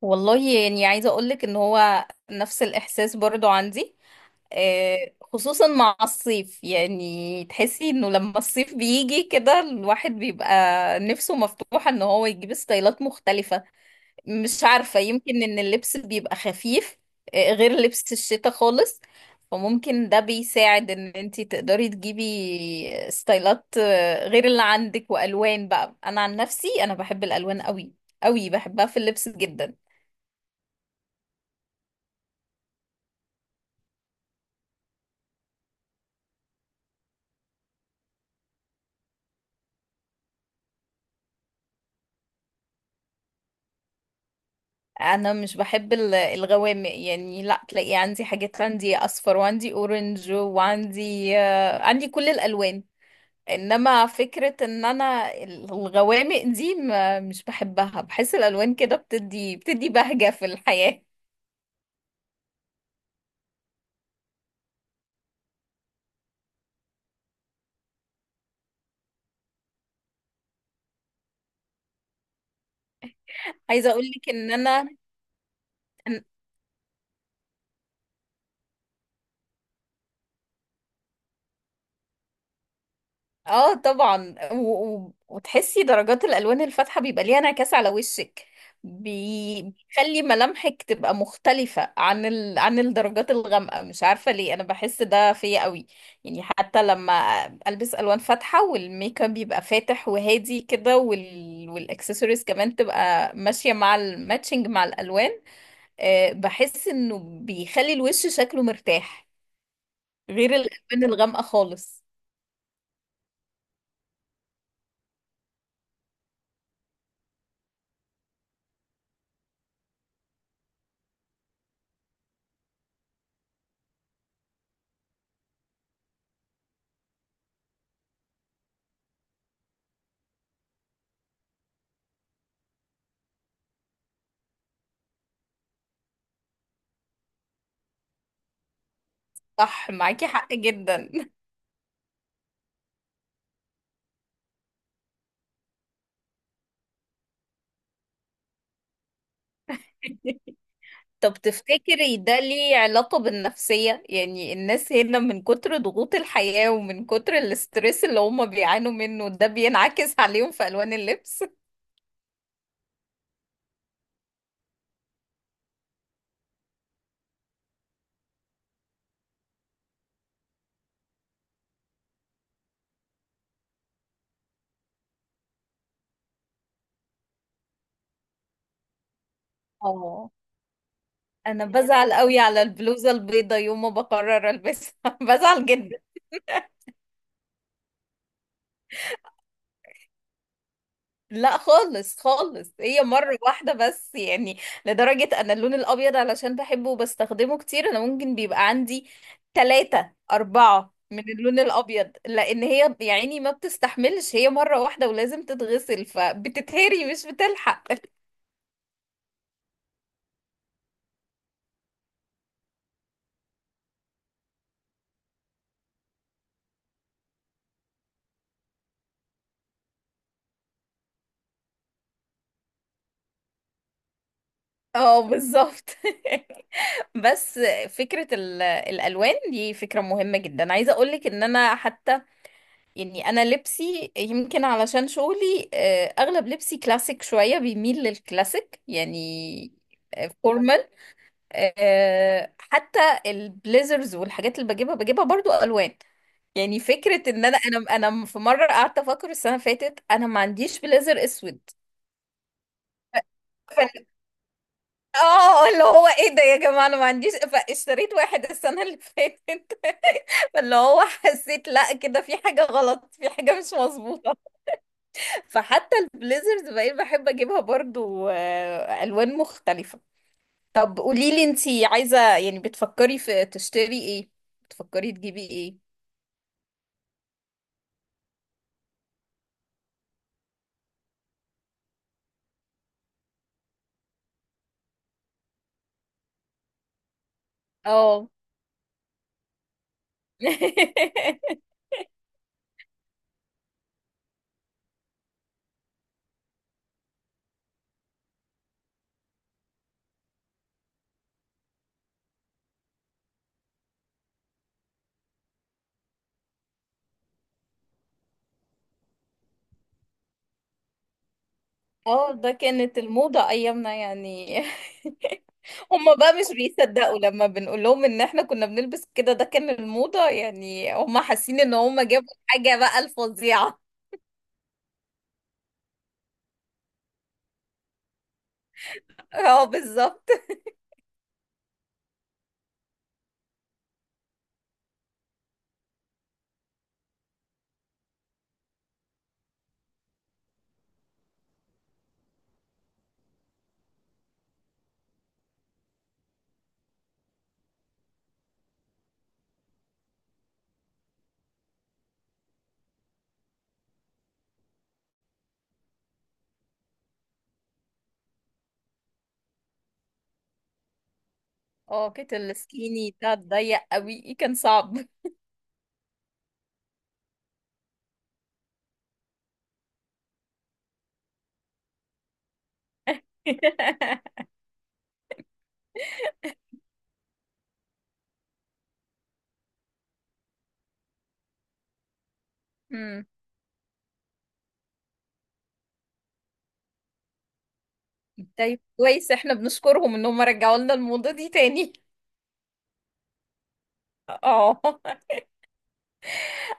والله يعني عايزة أقولك إن هو نفس الإحساس برضو عندي. آه، خصوصا مع الصيف يعني تحسي إنه لما الصيف بيجي كده الواحد بيبقى نفسه مفتوحة إن هو يجيب ستايلات مختلفة. مش عارفة يمكن إن اللبس بيبقى خفيف غير لبس الشتاء خالص. فممكن ده بيساعد إن انتي تقدري تجيبي ستايلات غير اللي عندك وألوان. بقى أنا عن نفسي أنا بحب الألوان قوي قوي، بحبها في اللبس جدا. انا مش بحب الغوامق، يعني لا تلاقي عندي حاجات، عندي اصفر وعندي اورنج وعندي آه، عندي كل الالوان. انما فكرة ان انا الغوامق دي مش بحبها، بحس الالوان كده بتدي بهجة في الحياة. عايزة اقول لك ان انا. اه، طبعا وتحسي درجات الالوان الفاتحه بيبقى ليها انعكاس على وشك. بيخلي ملامحك تبقى مختلفه عن عن الدرجات الغامقه. مش عارفه ليه انا بحس ده فيا قوي، يعني حتى لما البس الوان فاتحه والميك اب بيبقى فاتح وهادي كده والاكسسوارز كمان تبقى ماشيه مع الماتشنج مع الالوان. أه، بحس انه بيخلي الوش شكله مرتاح، غير الالوان الغامقه خالص. صح، معاكي حق جدا. طب تفتكري ده ليه علاقة بالنفسية؟ يعني الناس هنا من كتر ضغوط الحياة ومن كتر الاسترس اللي هم بيعانوا منه ده بينعكس عليهم في ألوان اللبس. اه، انا بزعل قوي على البلوزة البيضة يوم ما بقرر البسها. بزعل جدا. لا خالص خالص، هي مرة واحدة بس يعني. لدرجة أن اللون الأبيض علشان بحبه وبستخدمه كتير أنا ممكن بيبقى عندي تلاتة أربعة من اللون الأبيض، لأن هي يعني ما بتستحملش، هي مرة واحدة ولازم تتغسل فبتتهري، مش بتلحق. اه بالظبط. بس فكرة الألوان دي فكرة مهمة جدا، عايزة أقولك إن أنا حتى يعني انا لبسي يمكن علشان شغلي اغلب لبسي كلاسيك شوية، بيميل للكلاسيك يعني. فورمال. حتى البليزرز والحاجات اللي بجيبها برضو الوان. يعني فكرة ان انا في مرة قعدت افكر السنة اللي فاتت انا ما عنديش بليزر اسود. ف- اه اللي هو ايه ده يا جماعة، انا ما عنديش، فاشتريت واحد السنة اللي فاتت. فاللي هو حسيت لا كده في حاجة غلط، في حاجة مش مظبوطة. فحتى البليزرز بقيت بحب اجيبها برضو الوان مختلفة. طب قوليلي انتي عايزة يعني بتفكري في تشتري ايه، بتفكري تجيبي ايه؟ اه. اه ده كانت الموضة ايامنا يعني. هما بقى مش بيصدقوا لما بنقول لهم ان احنا كنا بنلبس كده، ده كان الموضة، يعني هما حاسين ان هما جابوا حاجة بقى الفظيعة. اه بالظبط. اه كانت السكيني ده ضيق قوي كان صعب. مم. طيب كويس، احنا بنشكرهم انهم رجعوا لنا الموضة دي تاني. اه.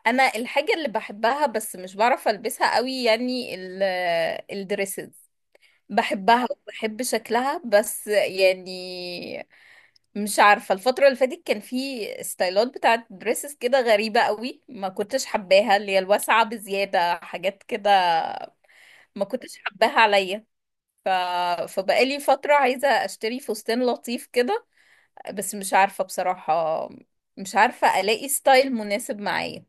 انا الحاجة اللي بحبها بس مش بعرف البسها قوي يعني الدريسز. بحبها وبحب شكلها بس يعني مش عارفة، الفترة اللي فاتت كان في ستايلات بتاعت دريسز كده غريبة قوي، ما كنتش حباها، اللي هي الواسعة بزيادة حاجات كده. ما كنتش حباها عليا. ف... فبقالي فترة عايزة اشتري فستان لطيف كده، بس مش عارفة بصراحة، مش عارفة ألاقي ستايل مناسب معايا.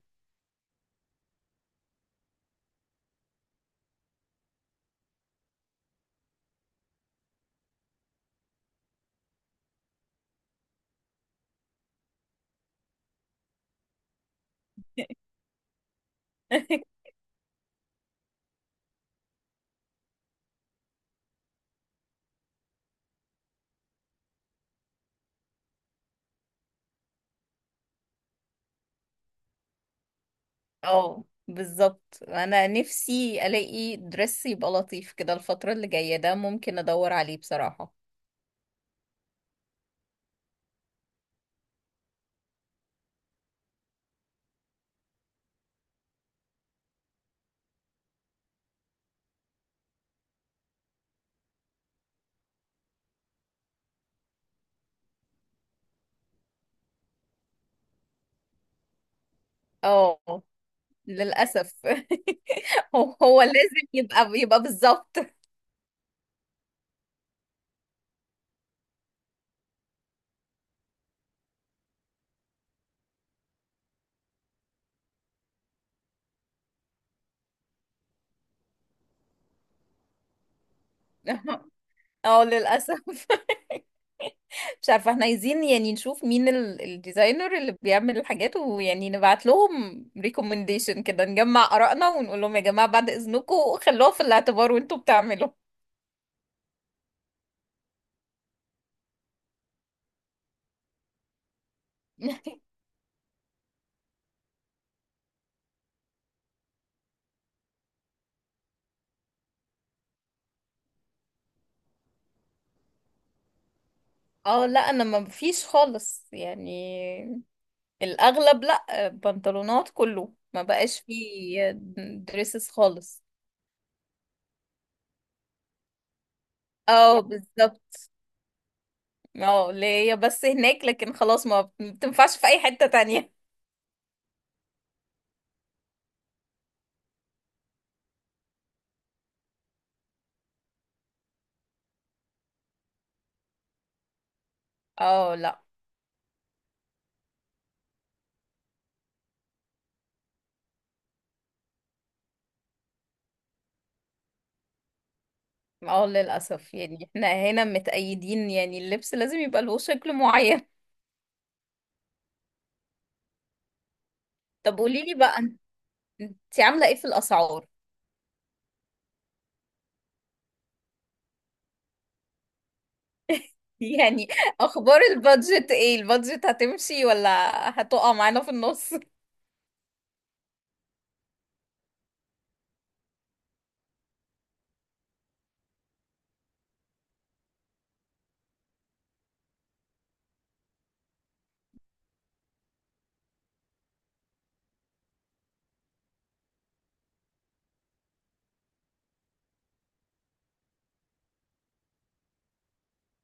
اه بالظبط. أنا نفسي ألاقي درس يبقى لطيف كده الفترة اللي جاية، ده ممكن أدور عليه بصراحة. اه للأسف. هو لازم يبقى بالظبط. اه للأسف. مش عارفة، احنا عايزين يعني نشوف مين الديزاينر اللي بيعمل الحاجات، ويعني نبعت لهم ريكومنديشن كده، نجمع آرائنا ونقول لهم يا جماعة بعد إذنكم خلوها في الاعتبار وانتوا بتعملوا. اه لا، انا ما فيش خالص يعني، الاغلب لا، بنطلونات كله، ما بقاش فيه دريسز خالص. اه بالظبط. اه، اللي هي بس هناك لكن خلاص ما بتنفعش في اي حتة تانية. اه لا. اه للاسف، يعني احنا هنا متأيدين، يعني اللبس لازم يبقى له شكل معين. طب قولي لي بقى، انت عاملة ايه في الاسعار؟ يعني اخبار البادجت ايه، البادجت هتمشي ولا هتقع معانا في النص؟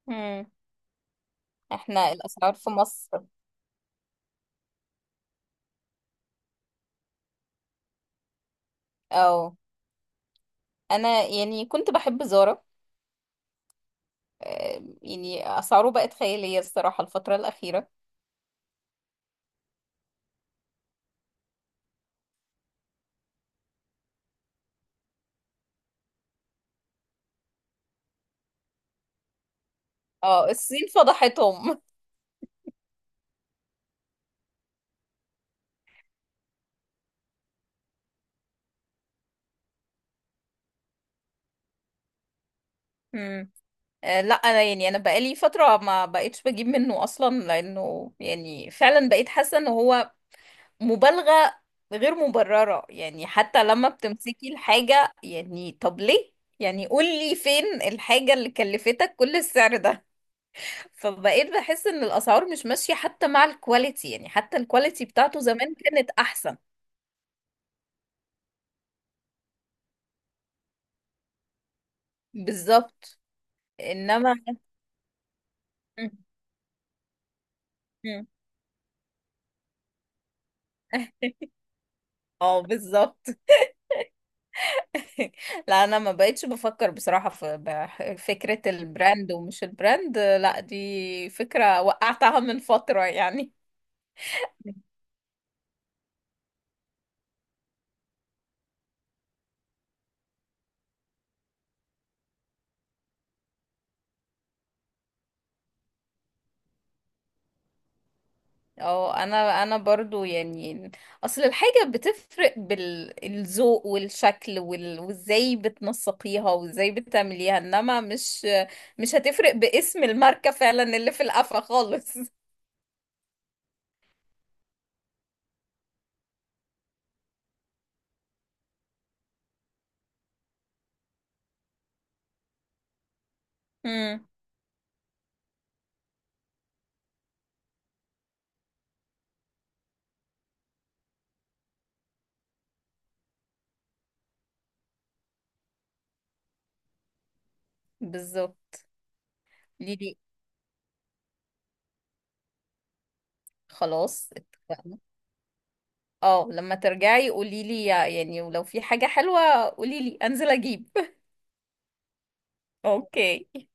احنا الاسعار في مصر. او انا يعني كنت بحب زارا. آه، يعني اسعاره بقت خيالية الصراحة الفترة الأخيرة. اه، الصين فضحتهم. مم. آه، لا انا يعني انا بقالي فترة ما بقيتش بجيب منه اصلا، لانه يعني فعلا بقيت حاسة ان هو مبالغة غير مبررة. يعني حتى لما بتمسكي الحاجة، يعني طب ليه؟ يعني قولي فين الحاجة اللي كلفتك كل السعر ده. فبقيت بحس ان الاسعار مش ماشية حتى مع الكواليتي، يعني حتى الكواليتي بتاعته زمان كانت احسن. بالظبط. انما. مم. مم. اه بالظبط. لا انا ما بقتش بفكر بصراحة في فكرة البراند ومش البراند، لا دي فكرة وقعتها من فترة يعني. اه. انا برضو يعني اصل الحاجة بتفرق بالذوق والشكل وازاي بتنسقيها وازاي بتعمليها، انما مش هتفرق باسم الماركة، فعلا اللي في القفا خالص. امم، بالظبط. ليلي، خلاص اتفقنا. اه، لما ترجعي قوليلي، يعني ولو في حاجة حلوة قوليلي انزل اجيب. اوكي.